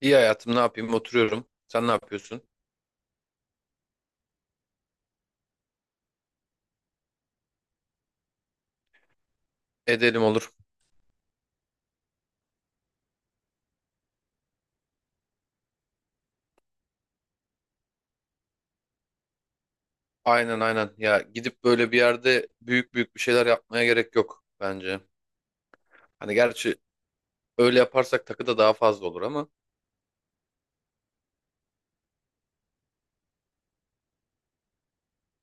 İyi hayatım ne yapayım oturuyorum. Sen ne yapıyorsun? Edelim olur. Aynen aynen. Ya gidip böyle bir yerde büyük büyük bir şeyler yapmaya gerek yok bence. Hani gerçi öyle yaparsak takı da daha fazla olur ama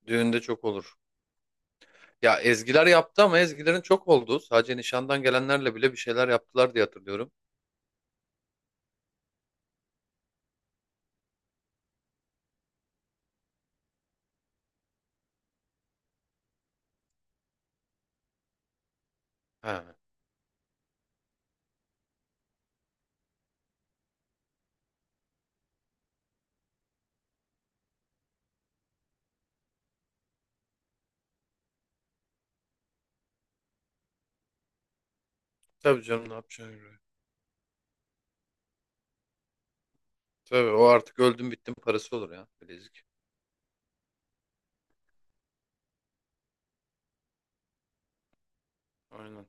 düğünde çok olur. Ya Ezgiler yaptı ama Ezgilerin çok oldu. Sadece nişandan gelenlerle bile bir şeyler yaptılar diye hatırlıyorum. He. Tabii canım, ne yapacaksın? Tabii, o artık öldüm bittim parası olur ya, bilezik. Aynen.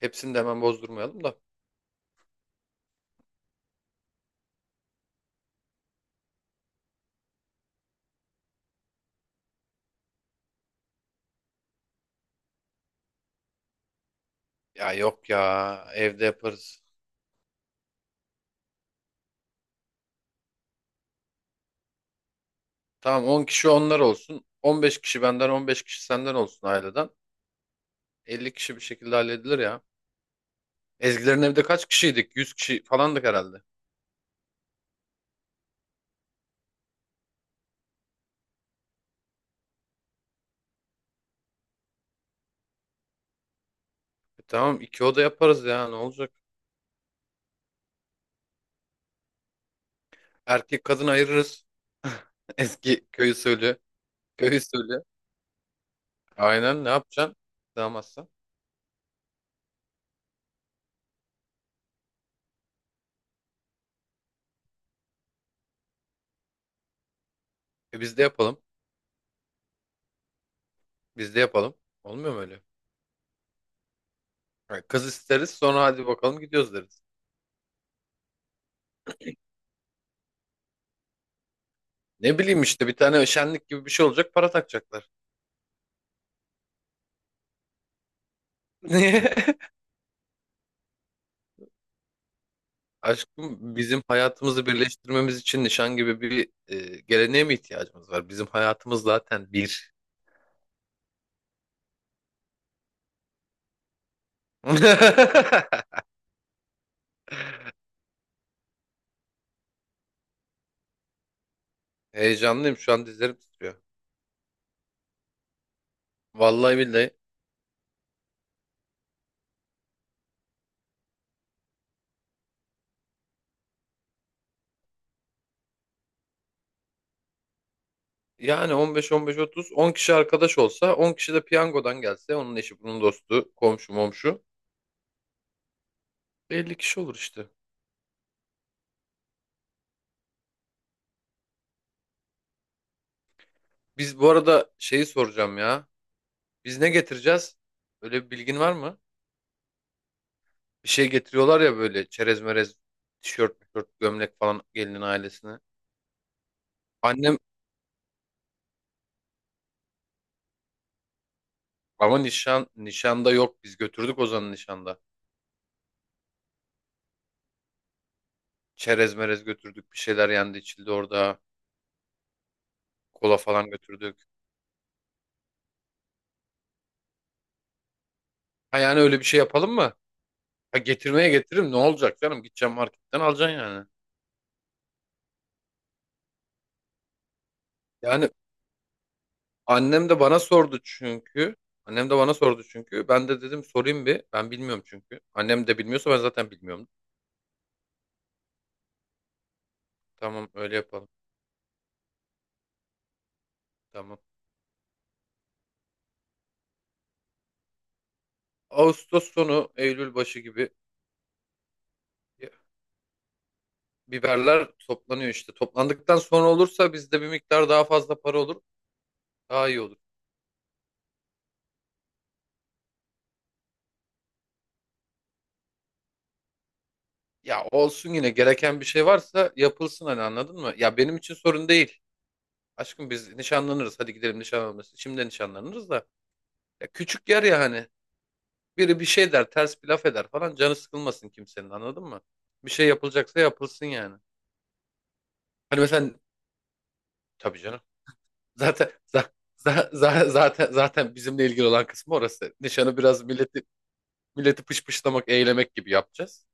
Hepsini de hemen bozdurmayalım da. Ya yok, ya evde yaparız. Tamam, 10 kişi onlar olsun. 15 kişi benden, 15 kişi senden olsun aileden. 50 kişi bir şekilde halledilir ya. Ezgilerin evde kaç kişiydik? 100 kişi falandık herhalde. E tamam, iki oda yaparız ya, ne olacak? Erkek kadın ayırırız. Eski köy usulü. Köy usulü. Aynen, ne yapacaksın? Sığamazsan. E biz de yapalım. Biz de yapalım. Olmuyor mu öyle? Ha, kız isteriz sonra, hadi bakalım gidiyoruz deriz. Ne bileyim işte, bir tane şenlik gibi bir şey olacak, para takacaklar. Aşkım, bizim hayatımızı birleştirmemiz için nişan gibi bir geleneğe mi ihtiyacımız var? Bizim hayatımız zaten bir. Heyecanlıyım, şu an dizlerim titriyor. Vallahi billahi. Yani 15-15-30, 10 kişi arkadaş olsa, 10 kişi de piyangodan gelse, onun eşi bunun dostu komşu momşu, 50 kişi olur işte. Biz bu arada şeyi soracağım ya. Biz ne getireceğiz? Öyle bir bilgin var mı? Bir şey getiriyorlar ya, böyle çerez merez, tişört gömlek falan, gelinin ailesine. Ama nişanda yok. Biz götürdük Ozan'ı nişanda. Çerez merez götürdük. Bir şeyler yendi içildi orada. Kola falan götürdük. Ha, yani öyle bir şey yapalım mı? Ha, getirmeye getiririm, ne olacak canım? Gideceğim, marketten alacaksın yani. Yani annem de bana sordu çünkü. Annem de bana sordu çünkü. Ben de dedim sorayım bir. Ben bilmiyorum çünkü. Annem de bilmiyorsa, ben zaten bilmiyorum. Tamam, öyle yapalım. Tamam. Ağustos sonu, Eylül başı gibi biberler toplanıyor işte. Toplandıktan sonra olursa bizde bir miktar daha fazla para olur. Daha iyi olur. Ya olsun, yine gereken bir şey varsa yapılsın, hani anladın mı? Ya benim için sorun değil. Aşkım, biz nişanlanırız. Hadi gidelim nişanlanırız. Şimdi nişanlanırız da. Ya küçük yer ya hani. Biri bir şey der, ters bir laf eder falan. Canı sıkılmasın kimsenin, anladın mı? Bir şey yapılacaksa yapılsın yani. Hani mesela, tabii canım. Zaten za- za- za- zaten zaten bizimle ilgili olan kısmı orası. Nişanı biraz milleti pışpışlamak, eğlemek gibi yapacağız.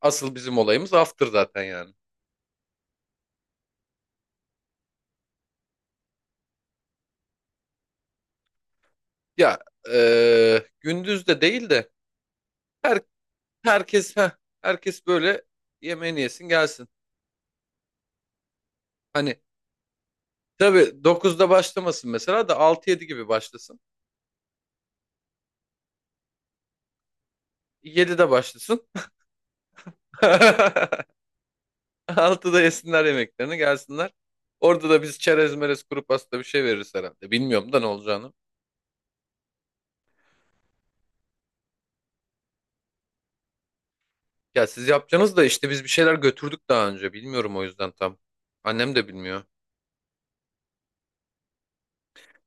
Asıl bizim olayımız after zaten yani. Ya gündüz de değil de, her, herkes heh, herkes böyle yemeğini yesin gelsin. Hani tabii 9'da başlamasın mesela da, 6-7 gibi başlasın. 7'de başlasın. 6'da yesinler yemeklerini gelsinler. Orada da biz çerez merez kuru pasta bir şey veririz herhalde. Bilmiyorum da ne olacağını. Ya siz yapacaksınız da işte biz bir şeyler götürdük daha önce. Bilmiyorum o yüzden tam. Annem de bilmiyor.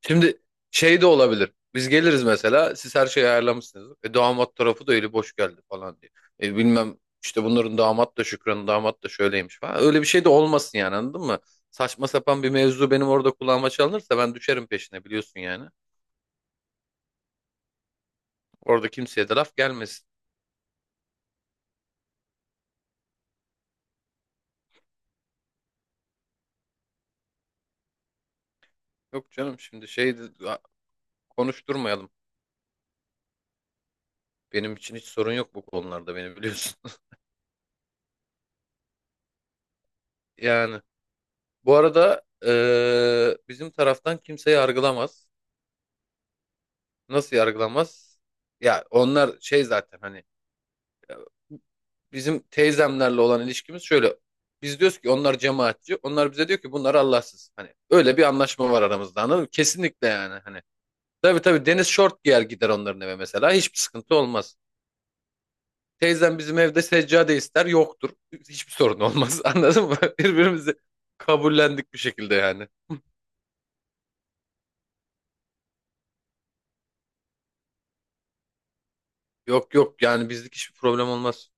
Şimdi şey de olabilir. Biz geliriz mesela. Siz her şeyi ayarlamışsınız. Damat tarafı da eli boş geldi falan diye. Bilmem işte, bunların damat da Şükran'ın damat da şöyleymiş falan. Öyle bir şey de olmasın yani, anladın mı? Saçma sapan bir mevzu benim orada kulağıma çalınırsa ben düşerim peşine, biliyorsun yani. Orada kimseye de laf gelmesin. Yok canım, şimdi konuşturmayalım. Benim için hiç sorun yok bu konularda, beni biliyorsun. Yani bu arada bizim taraftan kimse yargılamaz. Nasıl yargılamaz? Ya, onlar şey zaten, hani ya, bizim teyzemlerle olan ilişkimiz şöyle. Biz diyoruz ki onlar cemaatçi. Onlar bize diyor ki bunlar Allahsız. Hani öyle bir anlaşma var aramızda, anladın mı? Kesinlikle yani hani. Tabii tabii, deniz şort giyer gider onların eve mesela. Hiçbir sıkıntı olmaz. Teyzem bizim evde seccade ister, yoktur. Hiçbir sorun olmaz. Anladın mı? Birbirimizi kabullendik bir şekilde yani. Yok yok, yani bizlik hiçbir problem olmaz.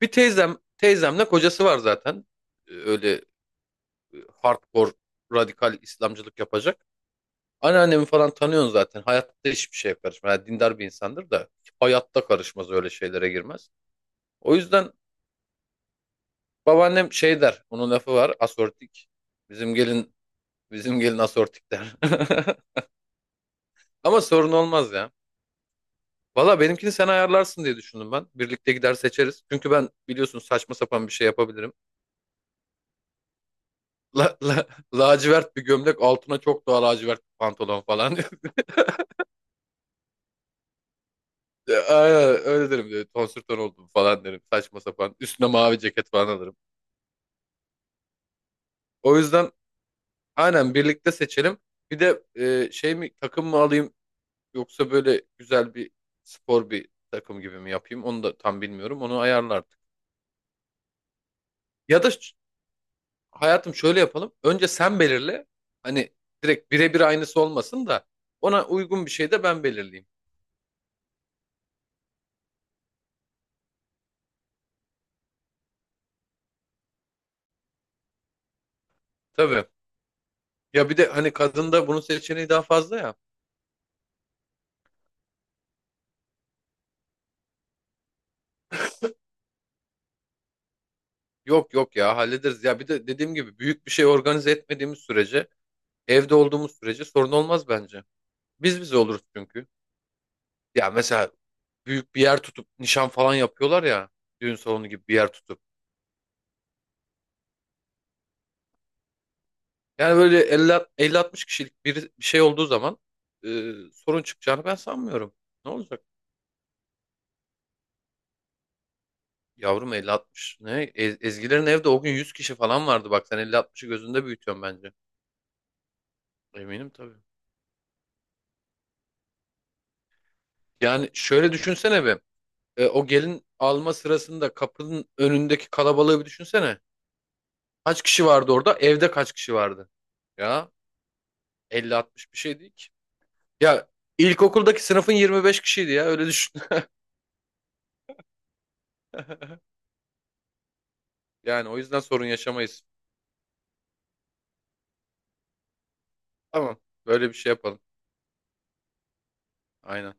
Teyzemle kocası var zaten. Öyle hardcore radikal İslamcılık yapacak. Anneannemi falan tanıyorsun zaten. Hayatta hiçbir şeye karışmaz. Yani dindar bir insandır da hayatta karışmaz, öyle şeylere girmez. O yüzden babaannem şey der. Onun lafı var: asortik. Bizim gelin bizim gelin asortik der. Ama sorun olmaz ya. Valla, benimkini sen ayarlarsın diye düşündüm ben. Birlikte gider seçeriz. Çünkü ben, biliyorsun, saçma sapan bir şey yapabilirim. La, la, lacivert bir gömlek, altına çok daha lacivert bir pantolon falan. Ya, aynen öyle derim diyor. Tonsür ton oldum falan derim. Saçma sapan. Üstüne mavi ceket falan alırım. O yüzden aynen birlikte seçelim. Bir de şey mi, takım mı alayım, yoksa böyle güzel bir spor bir takım gibi mi yapayım? Onu da tam bilmiyorum. Onu ayarla artık. Ya da ş- hayatım, şöyle yapalım. Önce sen belirle. Hani direkt birebir aynısı olmasın da, ona uygun bir şey de ben belirleyeyim. Tabii. Ya bir de hani, kadında bunun seçeneği daha fazla ya. Yok yok ya, hallederiz. Ya bir de dediğim gibi, büyük bir şey organize etmediğimiz sürece, evde olduğumuz sürece sorun olmaz bence. Biz bize oluruz çünkü. Ya mesela büyük bir yer tutup nişan falan yapıyorlar ya. Düğün salonu gibi bir yer tutup. Yani böyle 50, 50-60 kişilik bir şey olduğu zaman sorun çıkacağını ben sanmıyorum. Ne olacak? Yavrum 50-60 ne? Ezgilerin evde o gün 100 kişi falan vardı. Bak sen 50-60'ı gözünde büyütüyorsun bence. Eminim tabii. Yani şöyle düşünsene be. O gelin alma sırasında kapının önündeki kalabalığı bir düşünsene. Kaç kişi vardı orada? Evde kaç kişi vardı? Ya 50-60 bir şey değil ki. Ya ilkokuldaki sınıfın 25 kişiydi ya, öyle düşün. Yani o yüzden sorun yaşamayız. Tamam, böyle bir şey yapalım. Aynen.